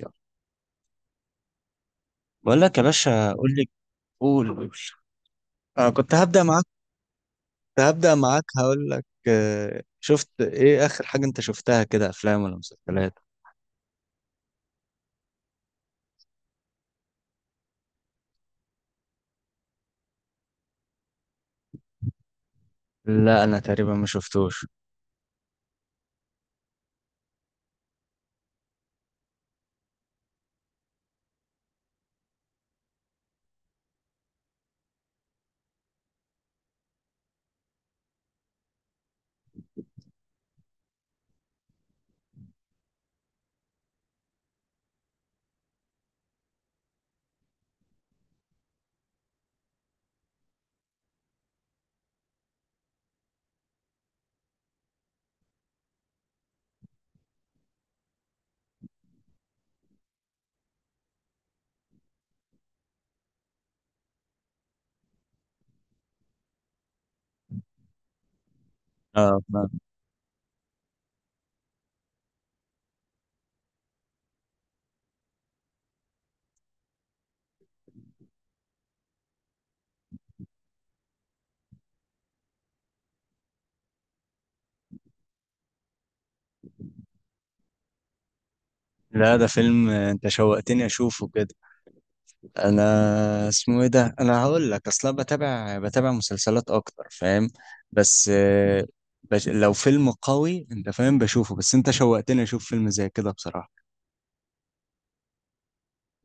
يلا. بقول لك يا باشا، قول لي. قول قول. أنا كنت هبدأ معاك هقول لك، شفت إيه آخر حاجة أنت شفتها كده، أفلام ولا مسلسلات؟ لا، أنا تقريبا ما شفتوش. آه ما- لا ده فيلم، أنت شوقتني أشوفه كده. أنا اسمه إيه ده؟ أنا هقول لك أصلا بتابع مسلسلات أكتر، فاهم. بس آه، لو فيلم قوي أنت فاهم بشوفه، بس أنت شوقتني أشوف فيلم زي كده بصراحة.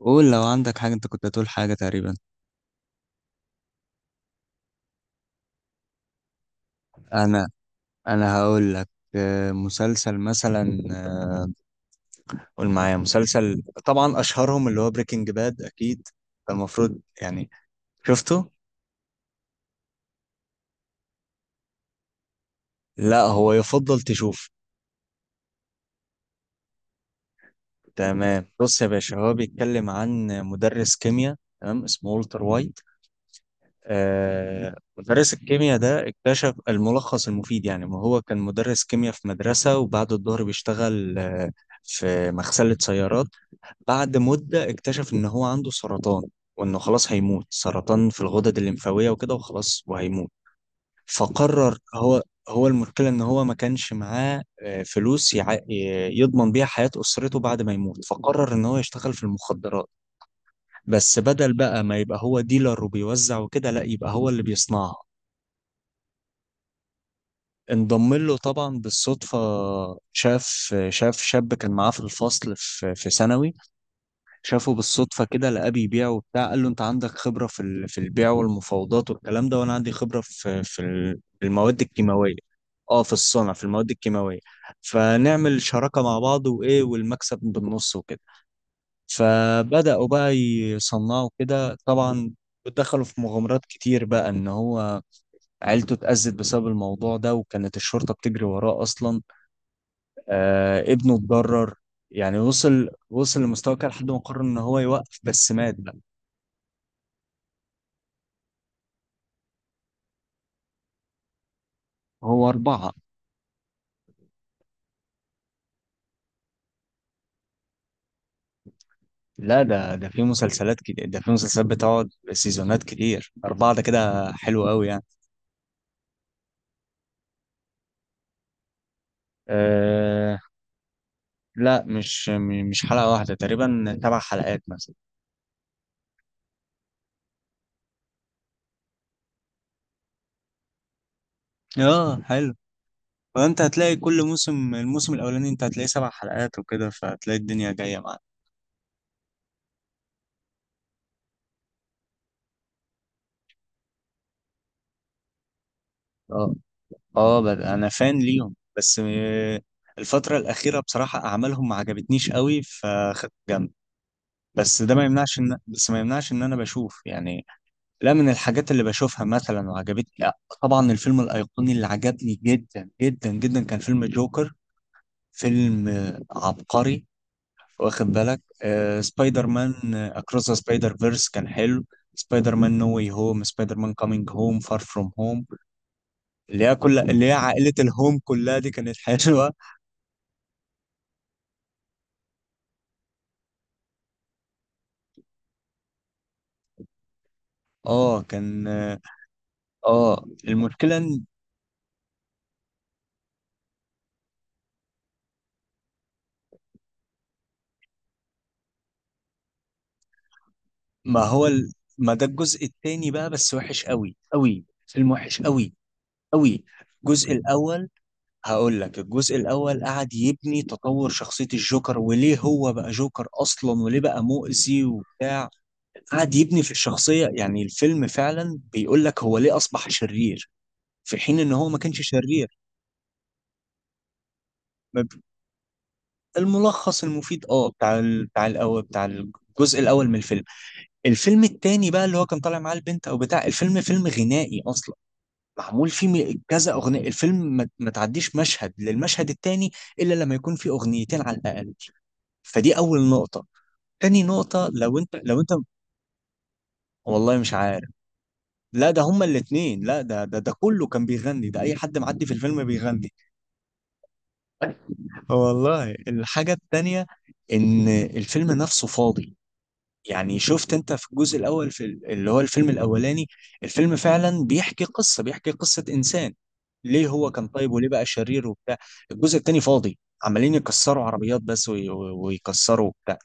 قول لو عندك حاجة، أنت كنت هتقول حاجة تقريبا. انا انا هقول لك، مسلسل مثلا، قول معايا مسلسل. طبعا اشهرهم اللي هو بريكنج باد اكيد، فالمفروض يعني شفته. لا، هو يفضل تشوف. تمام، بص يا باشا، هو بيتكلم عن مدرس كيمياء، تمام، اسمه والتر وايت. مدرس الكيمياء ده اكتشف الملخص المفيد. يعني ما هو كان مدرس كيمياء في مدرسة، وبعد الظهر بيشتغل في مغسلة سيارات. بعد مدة اكتشف إن هو عنده سرطان، وإنه خلاص هيموت، سرطان في الغدد الليمفاوية وكده، وخلاص وهيموت. فقرر هو المشكلة إن هو ما كانش معاه فلوس يضمن بيها حياة أسرته بعد ما يموت، فقرر إن هو يشتغل في المخدرات. بس بدل بقى ما يبقى هو ديلر وبيوزع وكده، لا، يبقى هو اللي بيصنعها. انضم له طبعا بالصدفة. شاف شاب كان معاه في الفصل في ثانوي. شافه بالصدفة كده، لقاه بيبيع وبتاع. قال له انت عندك خبرة في في البيع والمفاوضات والكلام ده، وانا عندي خبرة في المواد الكيماوية. اه، في الصنع، في المواد الكيماوية. فنعمل شراكة مع بعض، وايه والمكسب بالنص وكده. فبدأوا بقى يصنعوا كده طبعا، ودخلوا في مغامرات كتير. بقى ان هو عيلته اتأذت بسبب الموضوع ده، وكانت الشرطة بتجري وراه اصلا. ابنه اتضرر يعني، وصل لمستوى كده لحد ما قرر ان هو يوقف، بس مات بقى. هو 4. لا، ده في مسلسلات كده، ده في مسلسلات بتقعد سيزونات كتير، 4 ده كده حلو أوي يعني. أه، لا، مش مش حلقة واحدة، تقريبا 7 حلقات مثلا. اه، حلو. فأنت هتلاقي كل الموسم الأولاني أنت هتلاقي 7 حلقات وكده، فهتلاقي الدنيا جاية معاك. اه. اه، أنا فان ليهم، بس آه، الفترة الأخيرة بصراحة أعمالهم ما عجبتنيش أوي فخدت جنب. بس ما يمنعش إن أنا بشوف يعني. لا، من الحاجات اللي بشوفها مثلا وعجبتني، لا، طبعا الفيلم الأيقوني اللي عجبني جدا جدا جدا كان فيلم جوكر. فيلم عبقري. واخد بالك، سبايدر مان أكروس ذا سبايدر فيرس كان حلو. سبايدر مان نو واي هوم، سبايدر مان كامينج هوم، فار فروم هوم، اللي هي كل اللي هي عائلة الهوم كلها دي كانت حلوة. اه، كان، المشكلة إن ما هو ال... ما ده الجزء التاني بقى، بس وحش قوي قوي، فيلم وحش قوي قوي. الجزء الأول هقول لك الجزء الاول قعد يبني تطور شخصيه الجوكر، وليه هو بقى جوكر اصلا، وليه بقى مؤذي وبتاع. قعد يبني في الشخصيه يعني، الفيلم فعلا بيقول لك هو ليه اصبح شرير، في حين ان هو ما كانش شرير. ما ب- الملخص المفيد، بتاع الاول، بتاع الجزء الاول من الفيلم. الفيلم التاني بقى اللي هو كان طالع معاه البنت او بتاع، الفيلم فيلم غنائي اصلا، معمول فيه كذا اغنيه. الفيلم ما تعديش مشهد للمشهد التاني الا لما يكون فيه اغنيتين على الاقل. فدي اول نقطة. تاني نقطة، لو انت، والله مش عارف. لا، ده هما الاتنين. لا، ده كله كان بيغني، ده اي حد معدي في الفيلم بيغني. والله، الحاجة التانية ان الفيلم نفسه فاضي. يعني شفت انت في الجزء الاول في اللي هو الفيلم الاولاني، الفيلم فعلا بيحكي قصة انسان، ليه هو كان طيب وليه بقى شرير وبتاع. الجزء التاني فاضي، عمالين يكسروا عربيات بس ويكسروا وبتاع.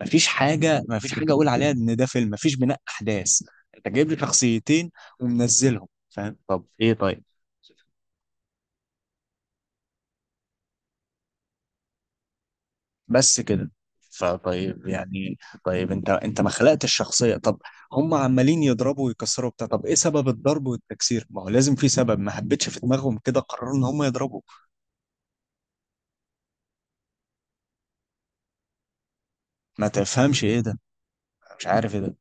مفيش حاجه اقول عليها ان ده فيلم، مفيش بناء احداث. انت جايب لي شخصيتين ومنزلهم، فاهم، طب ايه طيب. بس كده. فطيب يعني، طيب انت ما خلقتش الشخصيه، طب. هم عمالين يضربوا ويكسروا بتاع، طب ايه سبب الضرب والتكسير؟ ما هو لازم في سبب. ما حبيتش، في دماغهم كده قرروا ان هم يضربوا. ما تفهمش ايه ده، مش عارف ايه ده.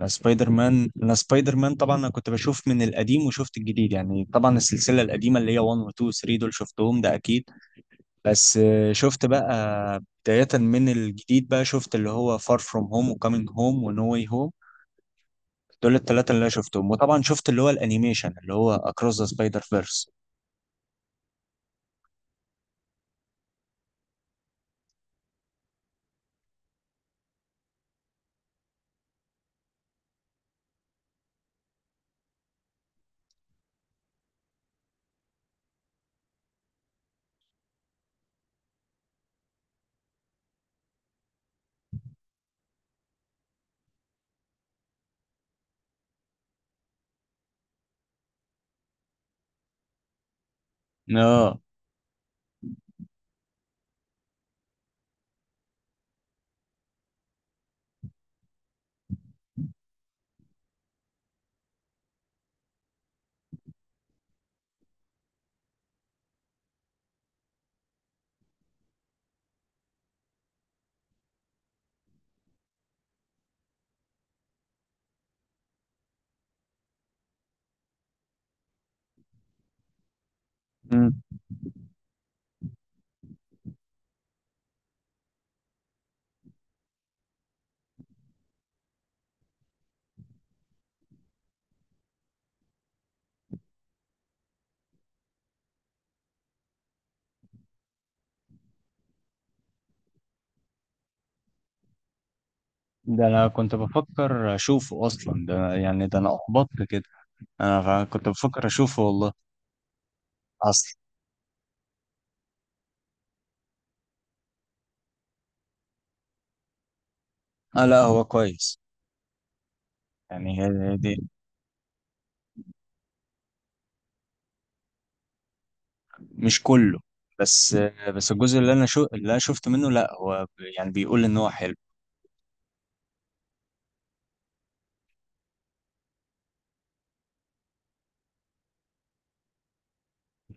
انا سبايدر مان طبعا، انا كنت بشوف من القديم وشفت الجديد يعني. طبعا السلسله القديمه اللي هي 1 و 2 و 3 دول شفتهم ده اكيد. بس آه، شفت بقى بداية من الجديد بقى، شفت اللي هو فار فروم هوم وكامينج هوم ونو واي هوم، دول الثلاثة اللي أنا شفتهم. وطبعا شفت اللي هو الأنيميشن اللي هو أكروس ذا سبايدر فيرس. اه. مم. ده انا كنت بفكر اشوفه اصلا، ده يعني ده انا احبطت كده. انا كنت بفكر اشوفه والله. أصلا، آه، لا هو كويس. يعني هي دي. مش كله، بس الجزء اللي أنا اللي أنا شفت منه، لا هو يعني بيقول إن هو حلو.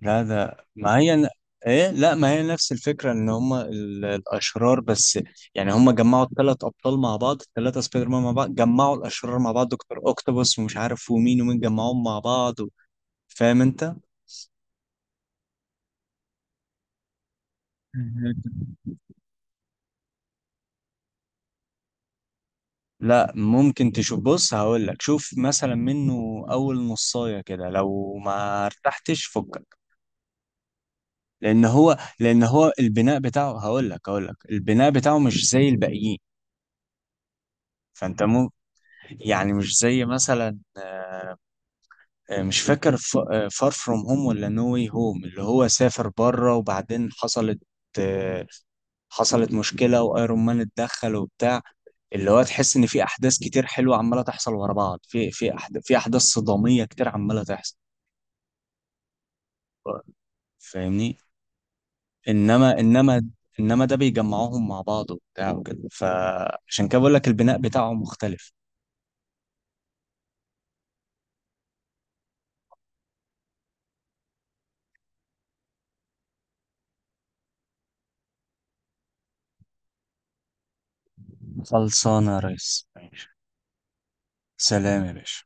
لا، ده ما هي ايه، لا، ما هي نفس الفكره ان هم الاشرار بس. يعني هم جمعوا الثلاث ابطال مع بعض، الثلاثه سبايدر مان مع بعض، جمعوا الاشرار مع بعض، دكتور اوكتوبوس ومش عارف ومين ومين، جمعوهم مع بعض و... فاهم انت. مهم. لا، ممكن تشوف. بص هقول لك، شوف مثلا منه اول نصايه كده، لو ما ارتحتش فكك. لان هو البناء بتاعه، هقول لك البناء بتاعه مش زي الباقيين. فانت يعني مش زي مثلا، مش فاكر فار فروم هوم ولا نو واي هوم، اللي هو سافر بره وبعدين حصلت، آه، حصلت مشكلة وايرون مان اتدخل وبتاع. اللي هو تحس ان في احداث كتير حلوة عمالة تحصل ورا بعض، في احداث صدامية كتير عمالة تحصل. فاهمني. انما انما انما ده بيجمعوهم مع بعض وبتاع وكده، فعشان كده بقول لك البناء بتاعهم مختلف. خلصانة يا ريس، ماشي. سلام يا باشا.